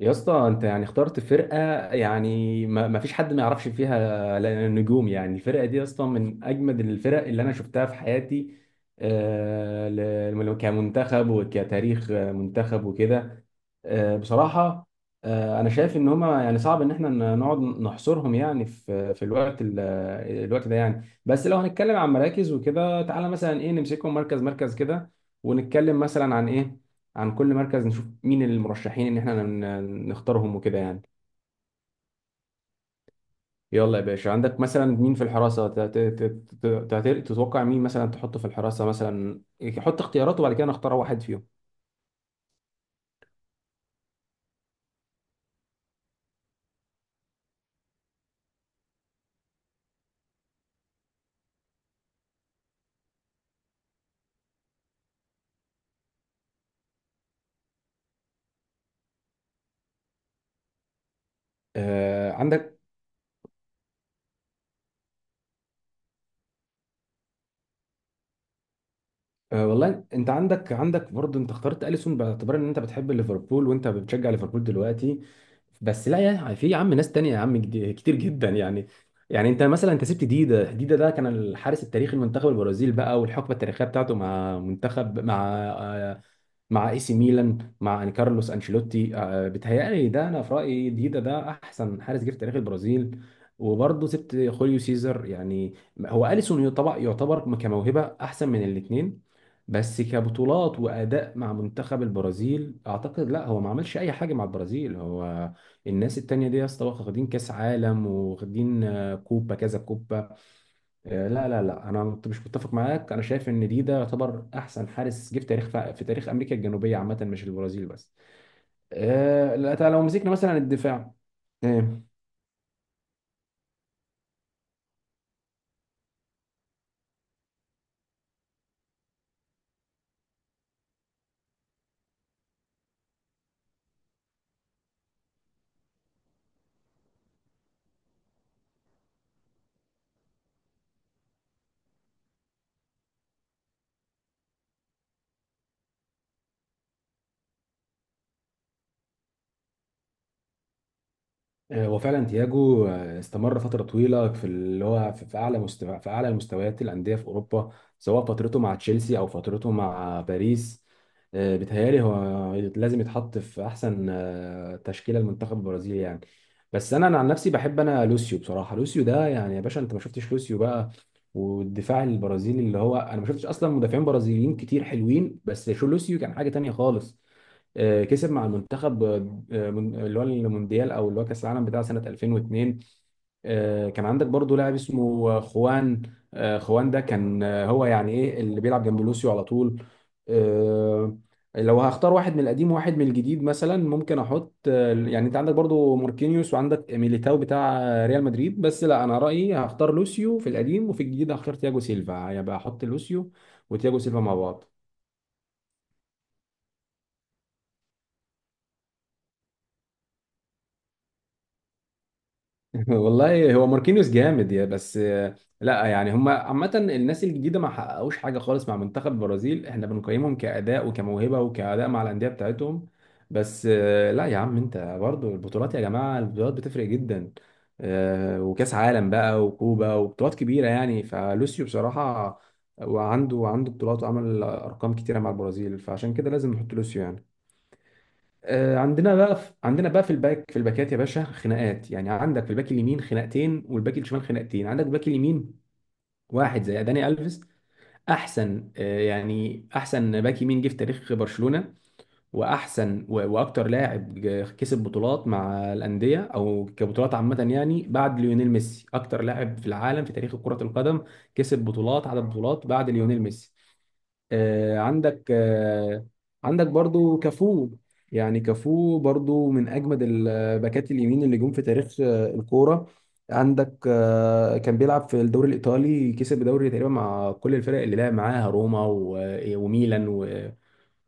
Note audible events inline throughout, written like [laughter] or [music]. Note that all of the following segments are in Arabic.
يا اسطى انت يعني اخترت فرقه. يعني ما فيش حد ما يعرفش فيها نجوم. يعني الفرقه دي يا اسطى من اجمد الفرق اللي انا شفتها في حياتي، آه، كمنتخب وكتاريخ منتخب وكده. بصراحه انا شايف ان هما يعني صعب ان احنا نقعد نحصرهم يعني في الوقت الوقت ده. يعني بس لو هنتكلم عن مراكز وكده، تعالى مثلا ايه نمسكهم مركز مركز كده، ونتكلم مثلا عن ايه، عن كل مركز نشوف مين المرشحين ان احنا نختارهم وكده يعني. يلا يا باشا، عندك مثلا مين في الحراسة؟ تتوقع مين مثلا تحطه في الحراسة مثلا؟ حط اختيارات وبعد كده نختار واحد فيهم. آه، عندك والله انت عندك برضه. انت اخترت اليسون باعتبار ان انت بتحب ليفربول وانت بتشجع ليفربول دلوقتي. بس لا، يا في يا عم ناس تانية يا عم، كتير جدا يعني. يعني انت مثلا، انت سبت ديدا ده كان الحارس التاريخي لمنتخب البرازيل بقى، والحقبه التاريخيه بتاعته مع منتخب، آه، مع اي سي ميلان، مع كارلوس انشيلوتي. بيتهيألي ده، انا في رايي ديدا ده احسن حارس جه في تاريخ البرازيل. وبرضه سبت خوليو سيزر يعني. هو اليسون طبعا يعتبر كموهبه احسن من الاثنين، بس كبطولات واداء مع منتخب البرازيل اعتقد لا، هو ما عملش اي حاجه مع البرازيل. هو الناس التانية دي يا اسطى واخدين كاس عالم، واخدين كوبا كذا كوبا. لا لا لا، انا مش متفق معاك. انا شايف ان ده يعتبر احسن حارس جه في تاريخ، في تاريخ امريكا الجنوبيه عامه، مش البرازيل بس. لا، تعال لو مسكنا مثلا الدفاع. آه، وفعلا تياجو استمر فترة طويلة في اللي هو في أعلى مستوى، في أعلى مستويات الأندية في أوروبا، سواء فترته مع تشيلسي أو فترته مع باريس. بيتهيألي هو لازم يتحط في أحسن تشكيلة المنتخب البرازيلي يعني. بس أنا عن نفسي بحب أنا لوسيو، بصراحة. لوسيو ده يعني يا باشا، أنت ما شفتش لوسيو بقى والدفاع البرازيلي؟ اللي هو أنا ما شفتش أصلا مدافعين برازيليين كتير حلوين، بس شو لوسيو كان حاجة تانية خالص. كسب مع المنتخب اللي هو المونديال، او اللي هو كاس العالم بتاع سنه 2002. كان عندك برضو لاعب اسمه خوان. خوان ده كان، هو يعني ايه اللي بيلعب جنب لوسيو على طول. آه، لو هختار واحد من القديم وواحد من الجديد مثلا، ممكن احط يعني، انت عندك برضو ماركينيوس وعندك ميليتاو بتاع ريال مدريد. بس لا، انا رايي هختار لوسيو في القديم، وفي الجديد هختار تياجو سيلفا. هيبقى يعني احط لوسيو وتياجو سيلفا مع بعض. [laughs] والله هو ماركينيوس جامد، يا بس لا، يعني هم عامة الناس الجديدة ما حققوش حاجة خالص مع منتخب البرازيل. احنا بنقيمهم كأداء وكموهبة وكأداء مع الأندية بتاعتهم، بس لا يا عم، انت برضو البطولات يا جماعة، البطولات بتفرق جدا. وكأس عالم بقى وكوبا وبطولات كبيرة يعني، فلوسيو بصراحة وعنده بطولات وعمل أرقام كتيرة مع البرازيل، فعشان كده لازم نحط لوسيو يعني. عندنا بقى في في الباكات يا باشا خناقات. يعني عندك في الباك اليمين خناقتين، والباك الشمال خناقتين. عندك الباك اليمين واحد زي داني الفيس، احسن يعني احسن باك يمين جه في تاريخ برشلونة، واحسن واكتر لاعب كسب بطولات مع الاندية او كبطولات عامة يعني، بعد ليونيل ميسي اكتر لاعب في العالم في تاريخ كرة القدم كسب بطولات، عدد بطولات بعد ليونيل ميسي. آه، عندك آه، عندك برضو كافو. يعني كافو برضو من اجمد الباكات اليمين اللي جم في تاريخ الكوره. عندك كان بيلعب في الدوري الايطالي، كسب الدوري تقريبا مع كل الفرق اللي لعب معاها، روما وميلان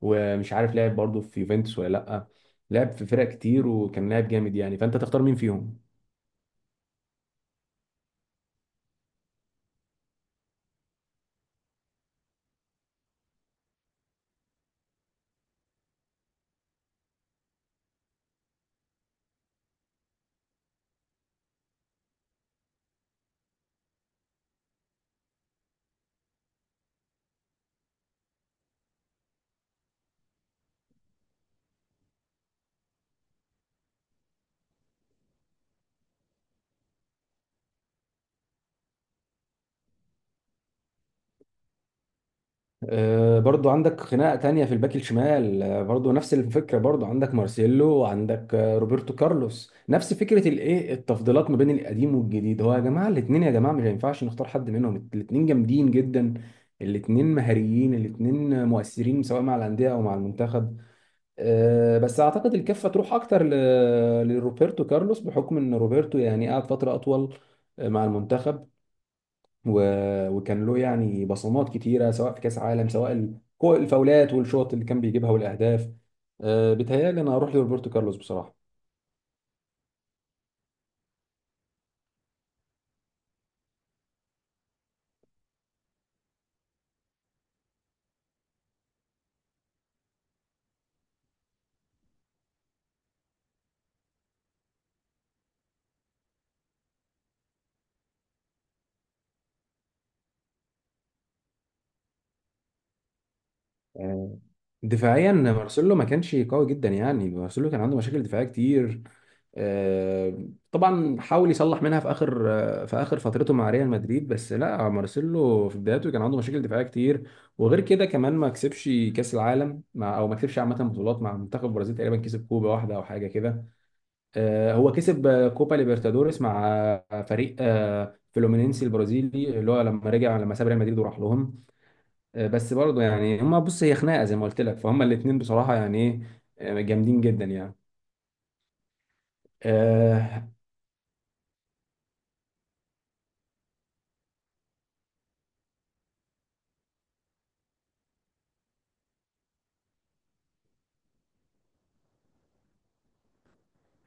ومش عارف لعب برضو في يوفنتوس ولا لا. لعب في فرق كتير وكان لاعب جامد يعني، فانت تختار مين فيهم؟ برضو عندك خناقة تانية في الباك الشمال، برضو نفس الفكرة. برضو عندك مارسيلو وعندك روبرتو كارلوس، نفس فكرة الايه، التفضيلات ما بين القديم والجديد. هو يا جماعة الاتنين، يا جماعة مش هينفعش نختار حد منهم. الاتنين جامدين جدا، الاتنين مهاريين، الاتنين مؤثرين سواء مع الأندية أو مع المنتخب. بس أعتقد الكفة تروح أكتر لروبرتو كارلوس، بحكم إن روبرتو يعني قعد فترة أطول مع المنتخب، وكان له يعني بصمات كتيره، سواء في كاس عالم، سواء الفاولات والشوط اللي كان بيجيبها والاهداف. بيتهيألي انا هروح لروبرتو كارلوس بصراحه. آه، دفاعيا مارسيلو ما كانش قوي جدا. يعني مارسيلو كان عنده مشاكل دفاعيه كتير. طبعا حاول يصلح منها في اخر، فترته مع ريال مدريد، بس لا مارسيلو في بدايته كان عنده مشاكل دفاعيه كتير. وغير كده كمان ما كسبش كاس العالم مع، او ما كسبش عامه بطولات مع منتخب البرازيل، تقريبا كسب كوبا واحده او حاجه كده. هو كسب كوبا ليبرتادوريس مع فريق فلومينينسي البرازيلي، اللي هو لما رجع، لما ساب ريال مدريد وراح لهم. بس برضه يعني هما بص، هي خناقه زي ما قلت لك، فهم الاثنين بصراحه يعني ايه، جامدين جدا يعني. آه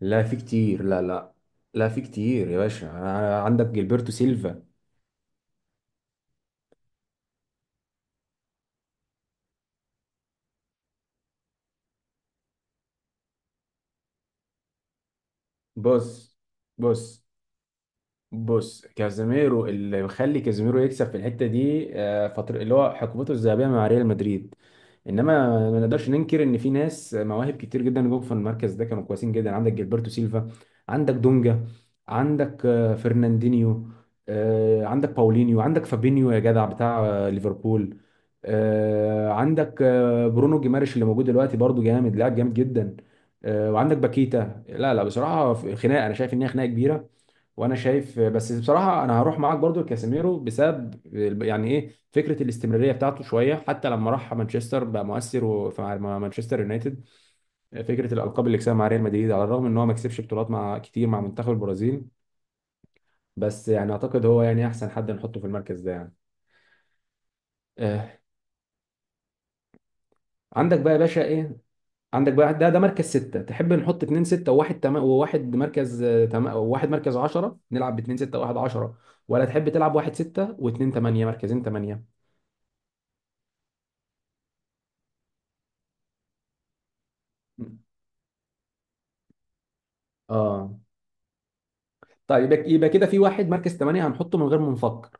لا، في كتير، لا لا، لا في كتير يا باشا. عندك جilberto سيلفا. بص بص بص كازيميرو اللي مخلي كازيميرو يكسب في الحته دي فتره، اللي هو حقبته الذهبيه مع ريال مدريد، انما ما نقدرش ننكر ان في ناس مواهب كتير جدا جم في المركز ده كانوا كويسين جدا. عندك جilberto سيلفا، عندك دونجا، عندك فرناندينيو، عندك باولينيو، عندك فابينيو يا جدع بتاع ليفربول، عندك برونو جيماريش اللي موجود دلوقتي برضو، جامد، لاعب جامد جدا، وعندك باكيتا. لا لا، بصراحه في خناقه، انا شايف ان هي خناقه كبيره، وانا شايف بس بصراحه انا هروح معاك برضو لكاسيميرو، بسبب يعني ايه فكره الاستمراريه بتاعته شويه، حتى لما راح مانشستر بقى مؤثر، وفي مع مانشستر يونايتد فكره الالقاب اللي كسبها مع ريال مدريد، على الرغم ان هو ما كسبش بطولات مع، كتير مع منتخب البرازيل، بس يعني اعتقد هو يعني احسن حد نحطه في المركز ده يعني. آه. عندك بقى يا باشا ايه؟ عندك بقى ده مركز ستة. تحب نحط اتنين ستة وواحد، وواحد مركز، وواحد مركز عشرة؟ نلعب باتنين ستة وواحد عشرة، ولا تحب تلعب واحد ستة واتنين تمانية، مركزين تمانية؟ اه طيب، يبقى كده في واحد مركز ثمانية هنحطه من غير ما نفكر،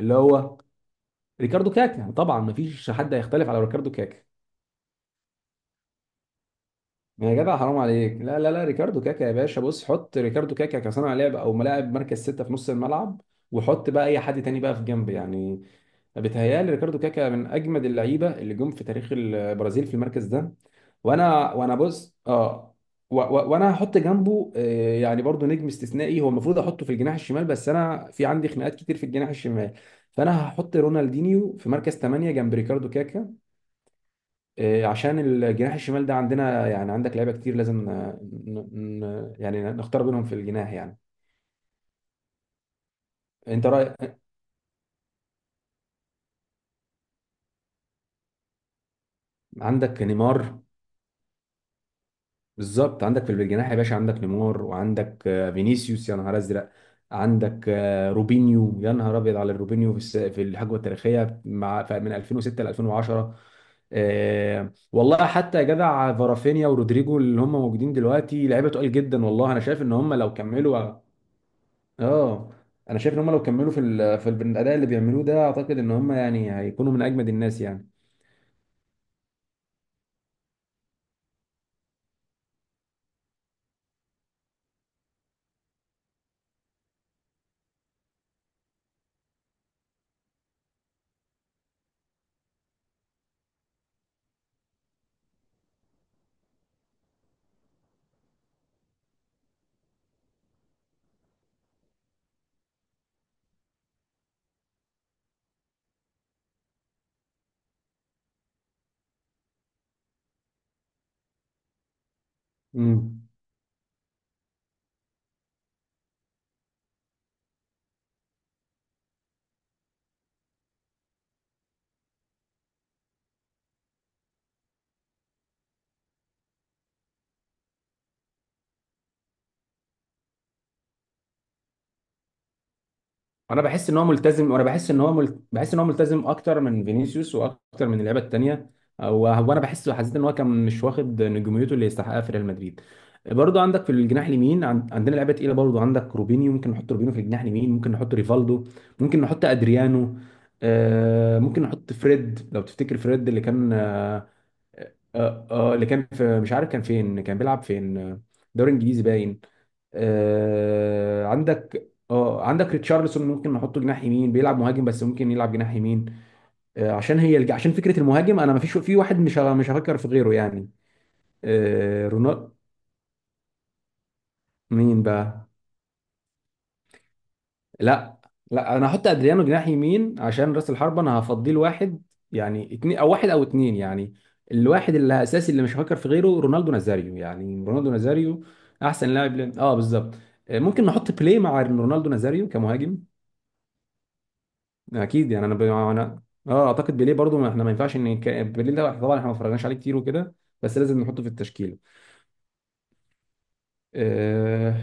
اللي هو ريكاردو كاكا. طبعا مفيش حد هيختلف على ريكاردو كاكا. يا جدع حرام عليك، لا لا لا، ريكاردو كاكا يا باشا. بص، حط ريكاردو كاكا كصانع لعب او ملاعب مركز ستة في نص الملعب، وحط بقى اي حد تاني بقى في جنب يعني. بيتهيألي ريكاردو كاكا من اجمد اللعيبه اللي جم في تاريخ البرازيل في المركز ده. وانا بص، وانا هحط جنبه يعني برضو نجم استثنائي، هو المفروض احطه في الجناح الشمال، بس انا في عندي خناقات كتير في الجناح الشمال. فانا هحط رونالدينيو في مركز 8 جنب ريكاردو كاكا، عشان الجناح الشمال ده عندنا يعني عندك لعيبه كتير، لازم يعني نختار بينهم في الجناح يعني. انت رايك؟ عندك نيمار. بالظبط، عندك في الجناح يا باشا عندك نيمار، وعندك فينيسيوس، يا نهار ازرق. عندك روبينيو، يا نهار ابيض على الروبينيو، في الحقبه التاريخيه مع، من 2006 ل 2010. والله حتى يا جدع فارافينيا ورودريجو، اللي هم موجودين دلوقتي لعيبه تقال جدا. والله انا شايف ان هم لو كملوا، اه انا شايف ان هم لو كملوا في في الاداء اللي بيعملوه ده، اعتقد ان هم يعني هيكونوا من اجمد الناس يعني. امم انا بحس ان هو ملتزم، وانا بحس ان هو بحس ان هو ملتزم اكتر من فينيسيوس واكتر من اللعيبه التانيه. هو هو انا حسيت ان هو كان مش واخد نجوميته اللي يستحقها في ريال مدريد. برضو عندك في الجناح اليمين، عندنا لعيبه تقيله برضو. عندك روبينيو، ممكن نحط روبينيو في الجناح اليمين، ممكن نحط ريفالدو، ممكن نحط ادريانو. ممكن نحط فريد، لو تفتكر فريد اللي كان، في مش عارف كان فين، كان بيلعب فين، دوري انجليزي باين. عندك عندك ريتشارلسون، ممكن نحطه جناح يمين. بيلعب مهاجم بس ممكن يلعب جناح يمين. عشان هي الج- عشان فكره المهاجم، انا ما فيش في واحد، مش هفكر في غيره يعني. رونالدو. مين بقى؟ لا، لا انا هحط ادريانو جناح يمين، عشان راس الحربه انا هفضيه لواحد، يعني اتنين او واحد، او اتنين يعني. الواحد اللي اساسي اللي مش هفكر في غيره، رونالدو نازاريو يعني. رونالدو نازاريو احسن لاعب، بالظبط. ممكن نحط بلاي مع رونالدو نازاريو كمهاجم، اكيد يعني. انا اه اعتقد بيليه برضو. ما احنا ما ينفعش بيليه ده طبعا احنا ما اتفرجناش عليه كتير وكده، بس لازم نحطه في التشكيله. آه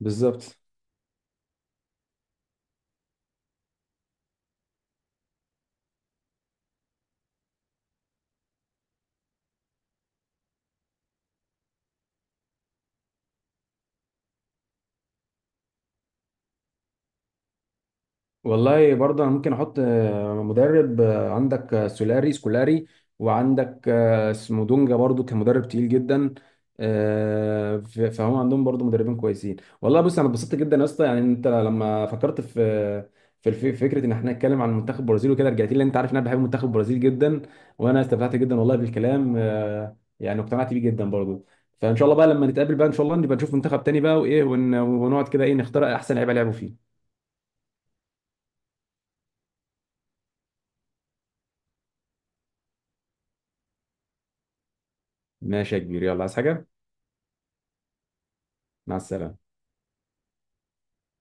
بالظبط. والله برضه انا ممكن احط مدرب، عندك سولاري سكولاري، وعندك اسمه دونجا برضه كان مدرب تقيل جدا. فهم عندهم برضه مدربين كويسين. والله بص، انا اتبسطت جدا يا اسطى يعني. انت لما فكرت في فكره ان احنا نتكلم عن منتخب البرازيل وكده، رجعت لي، لأن انت عارف ان انا بحب منتخب البرازيل جدا. وانا استمتعت جدا والله بالكلام، يعني اقتنعت بيه جدا برضه. فان شاء الله بقى لما نتقابل بقى، ان شاء الله نبقى نشوف منتخب تاني بقى، وايه ونقعد كده ايه، نختار احسن لعيبه لعبوا فيه. ماشي يا كبير، يلا عايز حاجه؟ مع السلامة.